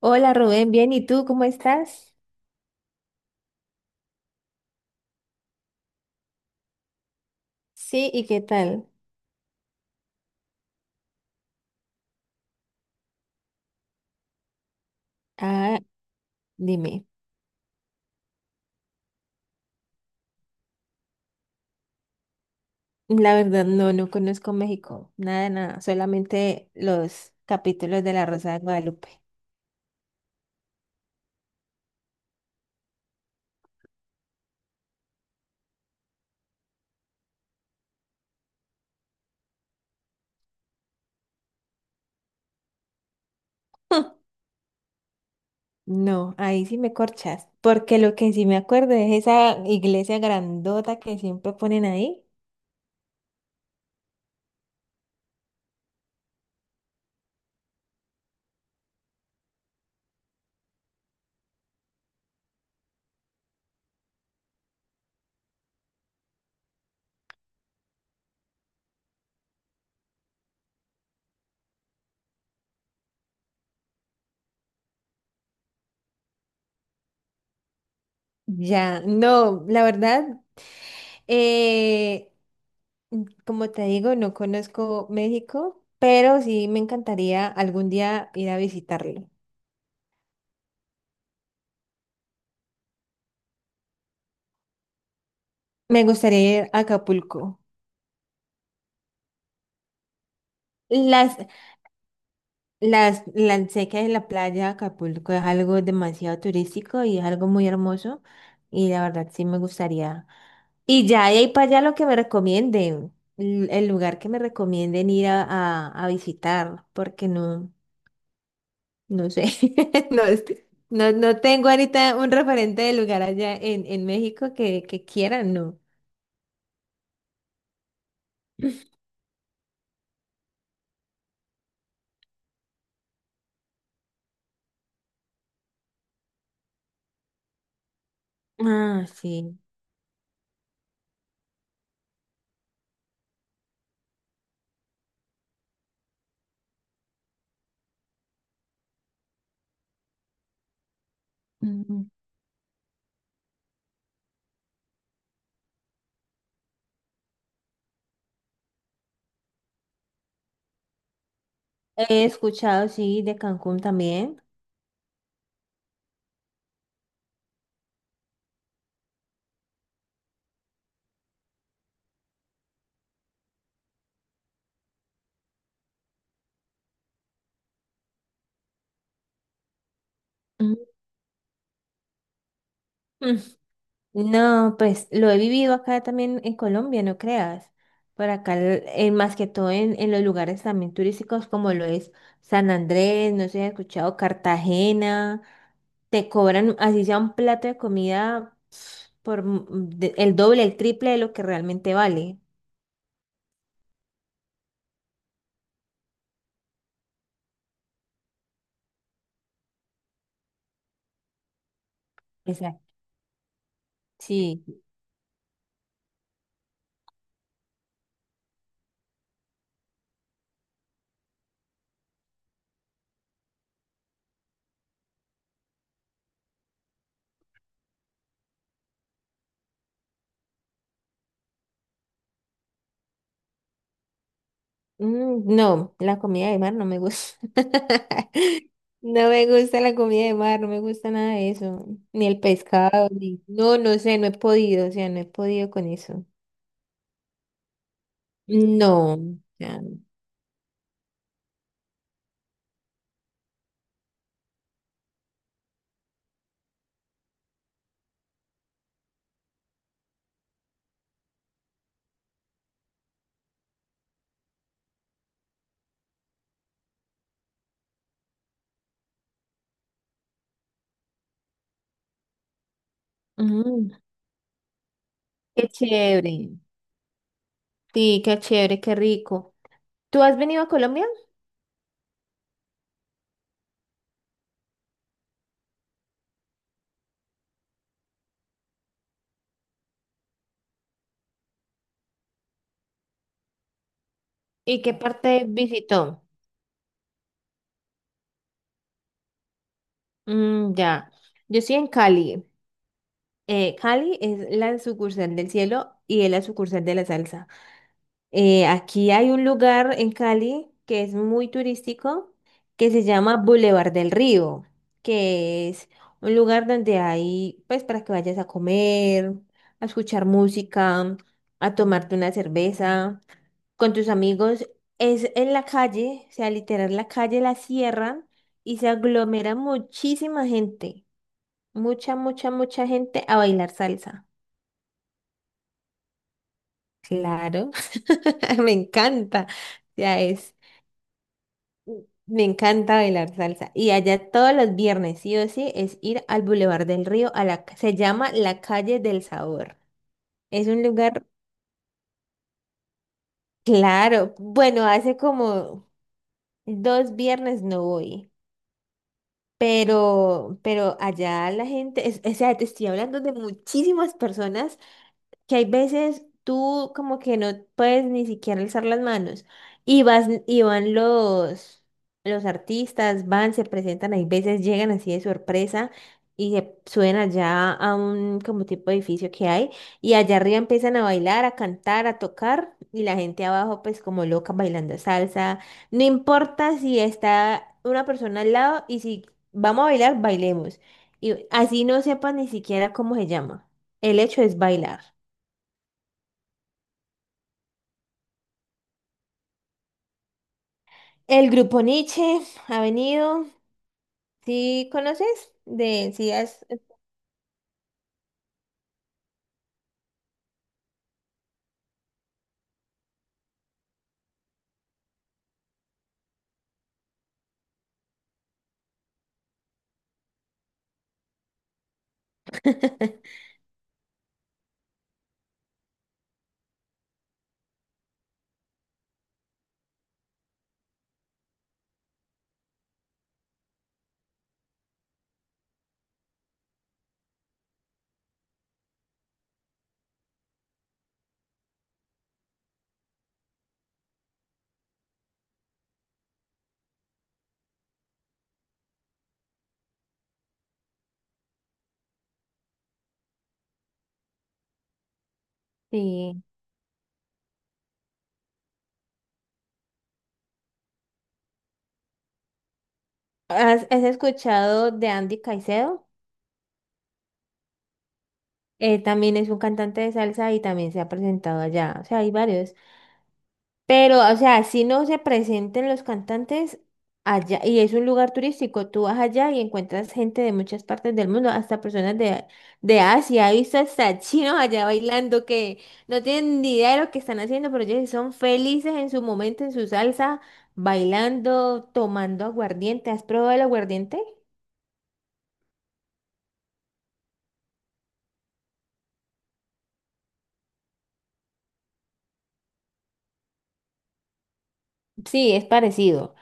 Hola Rubén, bien, ¿y tú cómo estás? Sí, ¿y qué tal? Ah, dime. La verdad, no, no conozco México, nada, nada, solamente los capítulos de La Rosa de Guadalupe. No, ahí sí me corchas, porque lo que sí me acuerdo es esa iglesia grandota que siempre ponen ahí. Ya, no, la verdad, eh, como te digo, no conozco México, pero sí me encantaría algún día ir a visitarlo. Me gustaría ir a Acapulco. Las, las, sé que la playa de Acapulco es algo demasiado turístico y es algo muy hermoso. Y la verdad sí me gustaría. Y ya de ahí para allá lo que me recomienden, el lugar que me recomienden ir a visitar, porque no, no sé. No, no, no tengo ahorita un referente de lugar allá en México que quieran, no. Ah, sí. Ujú. He escuchado, sí, de Cancún también. Mm, no, pues lo he vivido acá también en Colombia, no creas. Por acá, más que todo en los lugares también turísticos como lo es San Andrés, no sé si has escuchado, Cartagena, te cobran así sea un plato de comida por el doble, el triple de lo que realmente vale. Exacto. Sí. Mm, no, la comida de mar no me gusta. No me gusta la comida de mar, no me gusta nada de eso. Ni el pescado, ni no, no sé, no he podido, o sea, no he podido con eso. No, o sea, mm, qué chévere. Sí, qué chévere, qué rico. ¿Tú has venido a Colombia? ¿Y qué parte visitó? Mm, ya. Yo estoy en Cali. Cali es la sucursal del cielo y es la sucursal de la salsa. Aquí hay un lugar en Cali que es muy turístico, que se llama Boulevard del Río, que es un lugar donde hay, pues, para que vayas a comer, a escuchar música, a tomarte una cerveza con tus amigos. Es en la calle, o sea, literal, la calle la cierran y se aglomera muchísima gente, mucha, mucha, mucha gente a bailar salsa. Claro, me encanta. Ya es. Me encanta bailar salsa. Y allá todos los viernes, sí o sí, es ir al Boulevard del Río, a se llama la Calle del Sabor. Es un lugar, claro, bueno, hace como dos viernes no voy, pero, allá la gente, es, o sea, te estoy hablando de muchísimas personas que hay veces tú como que no puedes ni siquiera alzar las manos y vas y van los artistas, van, se presentan, hay veces llegan así de sorpresa y se suben allá a un como tipo de edificio que hay y allá arriba empiezan a bailar, a cantar, a tocar y la gente abajo pues como loca bailando salsa. No importa si está una persona al lado y si vamos a bailar, bailemos. Y así no sepa ni siquiera cómo se llama. El hecho es bailar. El grupo Nietzsche ha venido. ¿Sí conoces? De, sí, has, sí. Has escuchado de Andy Caicedo? Él también es un cantante de salsa y también se ha presentado allá. O sea, hay varios. Pero, o sea, si no se presenten los cantantes allá, y es un lugar turístico, tú vas allá y encuentras gente de muchas partes del mundo, hasta personas de Asia, he visto hasta chinos allá bailando que no tienen ni idea de lo que están haciendo, pero ellos son felices en su momento, en su salsa, bailando, tomando aguardiente. ¿Has probado el aguardiente? Sí, es parecido.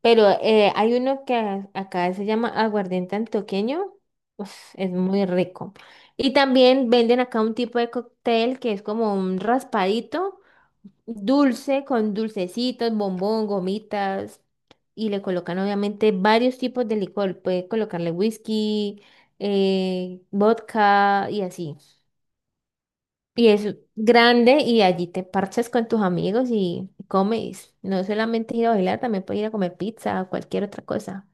Pero hay uno que acá se llama aguardiente antioqueño. Uf, es muy rico. Y también venden acá un tipo de cóctel que es como un raspadito dulce con dulcecitos, bombón, gomitas. Y le colocan obviamente varios tipos de licor. Puede colocarle whisky, vodka y así. Y es grande y allí te parchas con tus amigos y comes. No solamente ir a bailar, también puedes ir a comer pizza o cualquier otra cosa.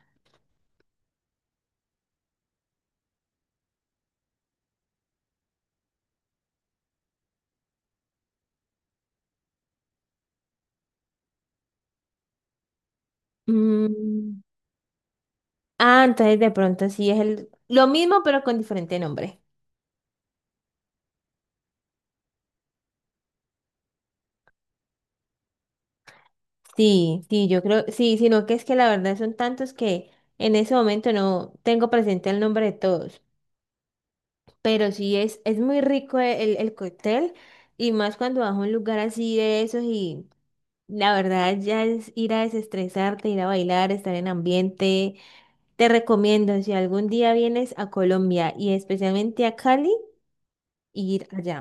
Mm, ah, entonces de pronto sí es el lo mismo pero con diferente nombre. Sí, sí, yo creo, sí, sino que es que la verdad son tantos que en ese momento no tengo presente el nombre de todos, pero sí es muy rico el cóctel y más cuando vas a un lugar así de esos y la verdad ya es ir a desestresarte, ir a bailar, estar en ambiente. Te recomiendo si algún día vienes a Colombia y especialmente a Cali, ir allá.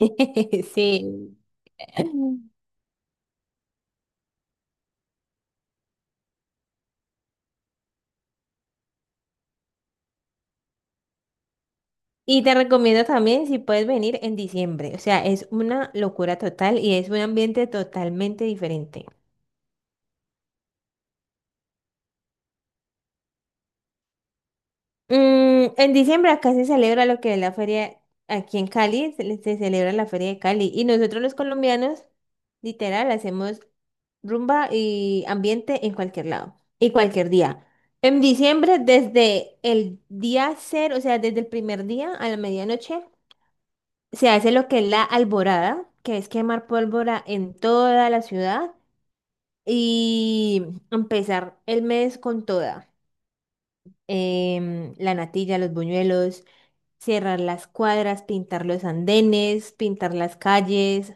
Sí. Y te recomiendo también si puedes venir en diciembre. O sea, es una locura total y es un ambiente totalmente diferente. Mm, en diciembre acá se celebra lo que es la feria, aquí en Cali, se celebra la feria de Cali. Y nosotros los colombianos, literal, hacemos rumba y ambiente en cualquier lado y cualquier día. En diciembre, desde el día cero, o sea, desde el primer día a la medianoche, se hace lo que es la alborada, que es quemar pólvora en toda la ciudad. Y empezar el mes con toda. La natilla, los buñuelos, cerrar las cuadras, pintar los andenes, pintar las calles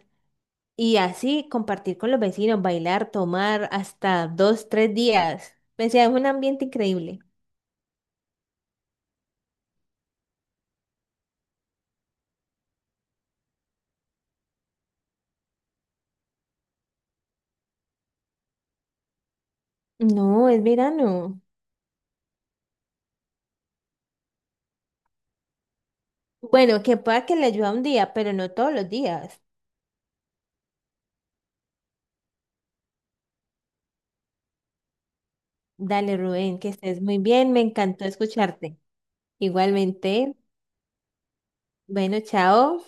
y así compartir con los vecinos, bailar, tomar hasta dos, tres días. O sea, es un ambiente increíble. No, es verano. Bueno, que pueda que le ayude un día, pero no todos los días. Dale, Rubén, que estés muy bien. Me encantó escucharte. Igualmente. Bueno, chao.